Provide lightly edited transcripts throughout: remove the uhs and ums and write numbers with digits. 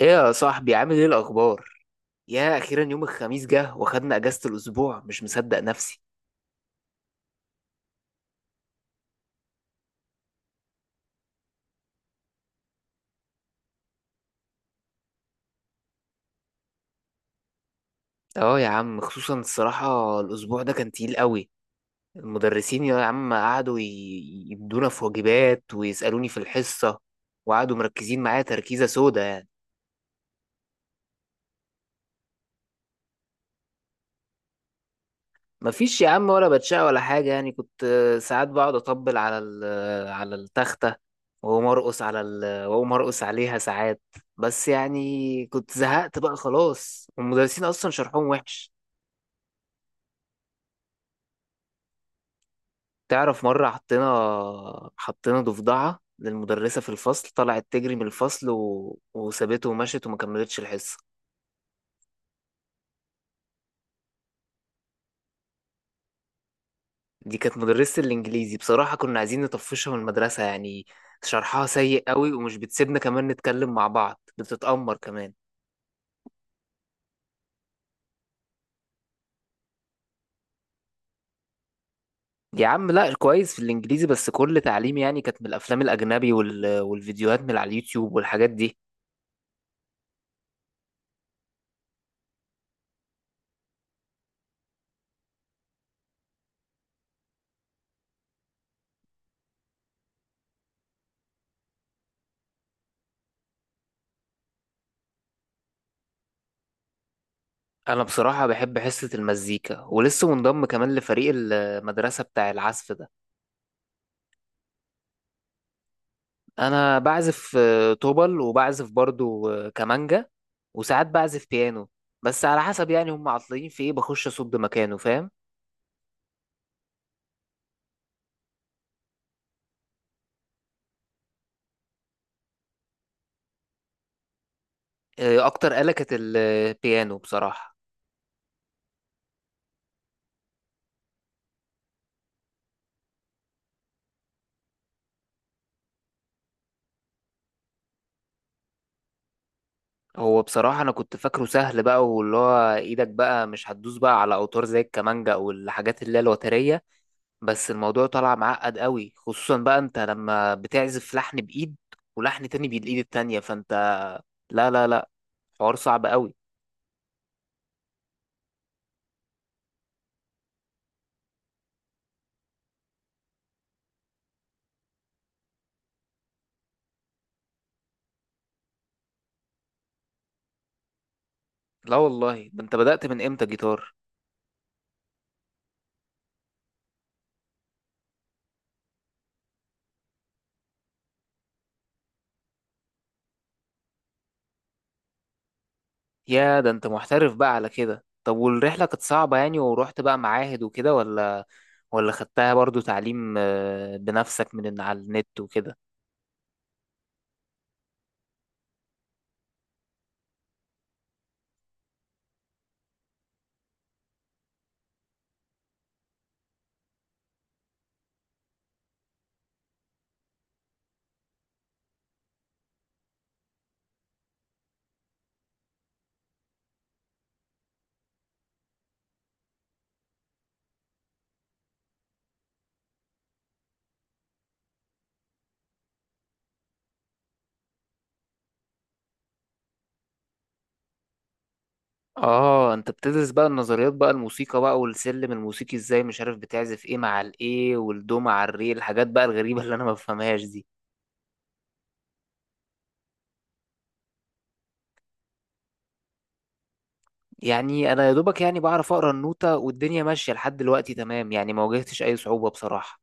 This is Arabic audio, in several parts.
ايه يا صاحبي، عامل ايه الاخبار؟ يا اخيرا يوم الخميس جه واخدنا اجازة الاسبوع، مش مصدق نفسي. اه يا عم، خصوصا الصراحة الاسبوع ده كان تقيل قوي. المدرسين يا عم قعدوا يدونا في واجبات ويسألوني في الحصة، وقعدوا مركزين معايا تركيزة سودا يعني. مفيش يا عم، ولا بتشقى ولا حاجة. يعني كنت ساعات بقعد اطبل على على التختة، واقوم ارقص عليها ساعات. بس يعني كنت زهقت بقى خلاص، والمدرسين اصلا شرحهم وحش. تعرف مرة حطينا ضفدعة للمدرسة في الفصل، طلعت تجري من الفصل وسابته ومشت وما كملتش الحصة. دي كانت مدرسة الإنجليزي، بصراحة كنا عايزين نطفشها من المدرسة يعني. شرحها سيء قوي، ومش بتسيبنا كمان نتكلم مع بعض، بتتأمر كمان. يا عم لا، كويس في الإنجليزي، بس كل تعليم يعني كانت من الأفلام الأجنبي والفيديوهات من على اليوتيوب والحاجات دي. أنا بصراحة بحب حصة المزيكا، ولسه منضم كمان لفريق المدرسة بتاع العزف ده. انا بعزف طبل، وبعزف برضو كمانجا، وساعات بعزف بيانو. بس على حسب يعني، هم عطلين في ايه بخش اصد مكانه، فاهم؟ اكتر آلة كانت البيانو بصراحة. هو بصراحة انا كنت فاكره سهل بقى، واللي هو ايدك بقى مش هتدوس بقى على اوتار زي الكمانجا او الحاجات اللي هي الوترية. بس الموضوع طلع معقد قوي، خصوصا بقى انت لما بتعزف لحن بايد ولحن تاني بالايد التانية، فانت لا، حوار صعب قوي. لا والله، ده انت بدأت من امتى جيتار؟ يا ده انت محترف بقى على كده. طب والرحلة كانت صعبة يعني؟ ورحت بقى معاهد وكده ولا ولا خدتها برضو تعليم بنفسك من على النت وكده؟ اه، انت بتدرس بقى النظريات بقى الموسيقى بقى، والسلم الموسيقي ازاي مش عارف، بتعزف ايه مع الايه، والدو مع الري، الحاجات بقى الغريبة اللي انا ما بفهمهاش دي. يعني انا يا دوبك يعني بعرف اقرا النوتة، والدنيا ماشية لحد دلوقتي تمام يعني، ما واجهتش اي صعوبة بصراحة.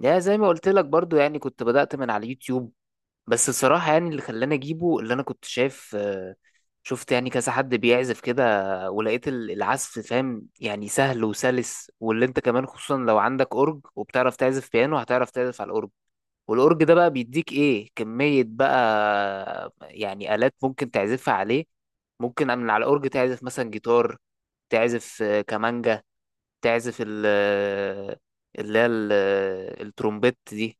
يا زي ما قلت لك برضو، يعني كنت بدأت من على اليوتيوب. بس الصراحة يعني اللي خلاني أجيبه، اللي أنا كنت شايف شفت يعني كذا حد بيعزف كده، ولقيت العزف فاهم يعني سهل وسلس. واللي أنت كمان خصوصا لو عندك أورج وبتعرف تعزف بيانو، هتعرف تعزف على الأورج. والأورج ده بقى بيديك إيه كمية بقى يعني آلات ممكن تعزفها عليه. ممكن من على الأورج تعزف مثلا جيتار، تعزف كمانجا، تعزف ال اللي هي ال- الترومبيت دي.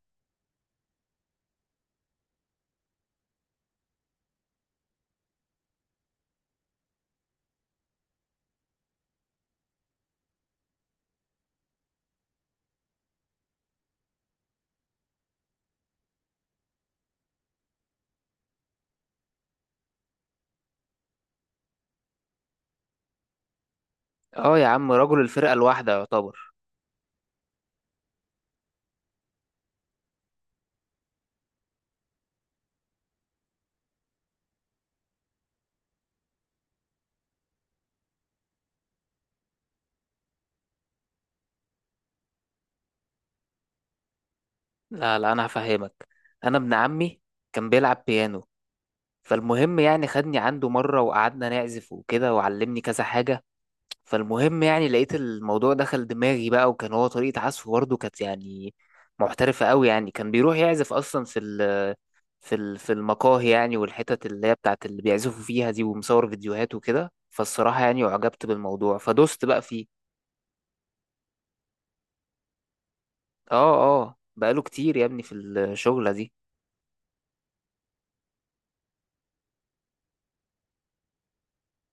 اه يا عم، رجل الفرقة الواحدة يعتبر. لا لا، انا هفهمك. انا ابن عمي كان بيلعب بيانو. فالمهم يعني خدني عنده مرة وقعدنا نعزف وكده، وعلمني كذا حاجة. فالمهم يعني لقيت الموضوع دخل دماغي بقى، وكان هو طريقة عزفه برضه كانت يعني محترفة قوي يعني، كان بيروح يعزف اصلا في المقاهي يعني، والحتت اللي هي بتاعت اللي بيعزفوا فيها دي، ومصور فيديوهات وكده. فالصراحة يعني اعجبت بالموضوع فدوست بقى فيه. اه. اه، بقاله كتير يا ابني في الشغلة دي.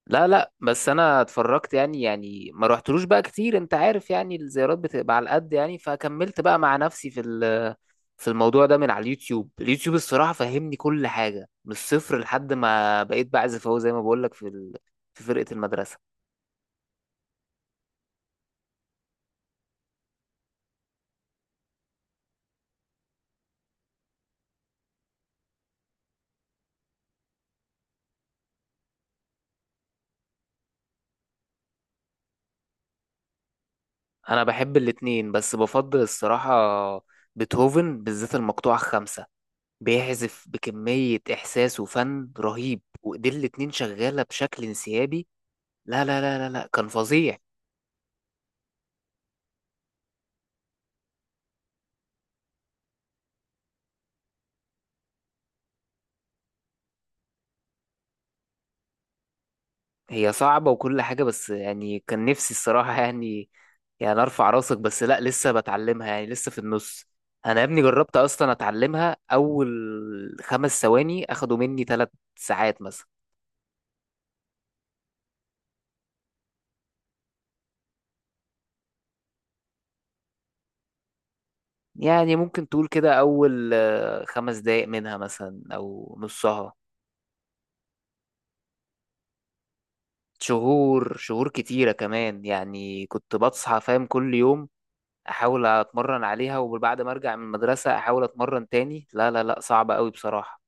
لا لا، بس انا اتفرجت يعني، يعني ما رحتلوش بقى كتير، انت عارف يعني الزيارات بتبقى على قد يعني. فكملت بقى مع نفسي في الموضوع ده من على اليوتيوب. اليوتيوب الصراحة فهمني كل حاجة من الصفر، لحد ما بقيت بعزف اهو زي ما بقولك في فرقة المدرسة. انا بحب الاتنين، بس بفضل الصراحة بيتهوفن، بالذات المقطوعة الخامسة. بيعزف بكمية إحساس وفن رهيب، وإيديه الاتنين شغالة بشكل انسيابي. لا، كان فظيع. هي صعبة وكل حاجة، بس يعني كان نفسي الصراحة يعني، يعني ارفع راسك. بس لا، لسه بتعلمها يعني، لسه في النص. انا يا ابني جربت اصلا اتعلمها، اول 5 ثواني اخدوا مني 3 ساعات مثلا. يعني ممكن تقول كده اول 5 دقايق منها مثلا او نصها. شهور، شهور كتيرة كمان يعني، كنت بصحى فاهم كل يوم احاول اتمرن عليها، وبعد ما ارجع من المدرسة احاول اتمرن تاني. لا لا لا، صعبة قوي بصراحة.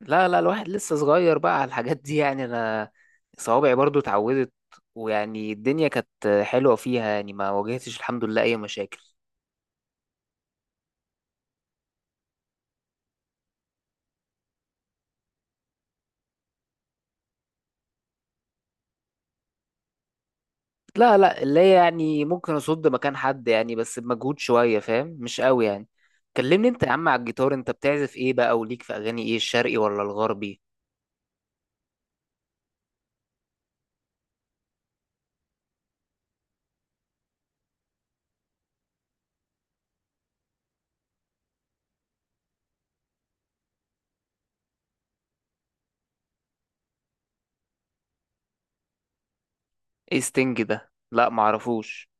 لا لا، الواحد لسه صغير بقى على الحاجات دي يعني، انا صوابعي برضو اتعودت، ويعني الدنيا كانت حلوة فيها يعني، ما واجهتش الحمد لله اي مشاكل. لا لا، اللي هي يعني ممكن اصد مكان حد يعني، بس بمجهود شوية فاهم، مش قوي يعني. كلمني انت يا عم على الجيتار، انت بتعزف ايه بقى، وليك في اغاني ايه، الشرقي ولا الغربي؟ ايه ستينج ده؟ لا معرفوش.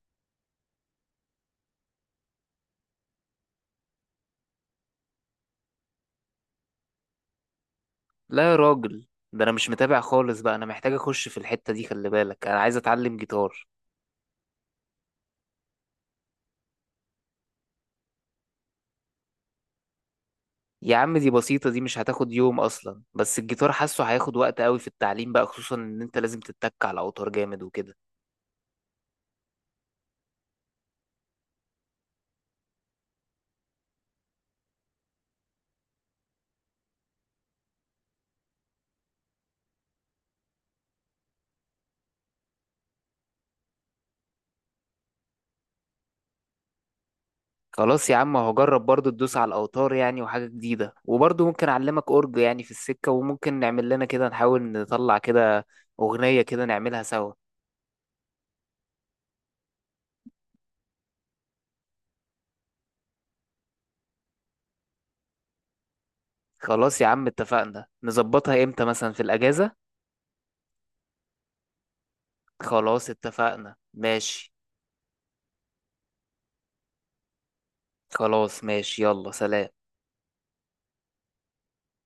لا يا راجل، ده انا مش متابع خالص بقى، انا محتاج اخش في الحتة دي، خلي بالك انا عايز اتعلم جيتار. يا عم دي بسيطة، دي مش هتاخد يوم أصلا، بس الجيتار حاسه هياخد وقت قوي في التعليم بقى، خصوصا إن أنت لازم تتك على الأوتار جامد وكده. خلاص يا عم، هجرب برضو تدوس على الأوتار يعني وحاجة جديدة، وبرضو ممكن أعلمك أورج يعني في السكة، وممكن نعمل لنا كده نحاول نطلع كده أغنية كده نعملها سوا. خلاص يا عم اتفقنا، نظبطها إمتى مثلا في الأجازة؟ خلاص اتفقنا، ماشي. خلاص ماشي، يلا سلام.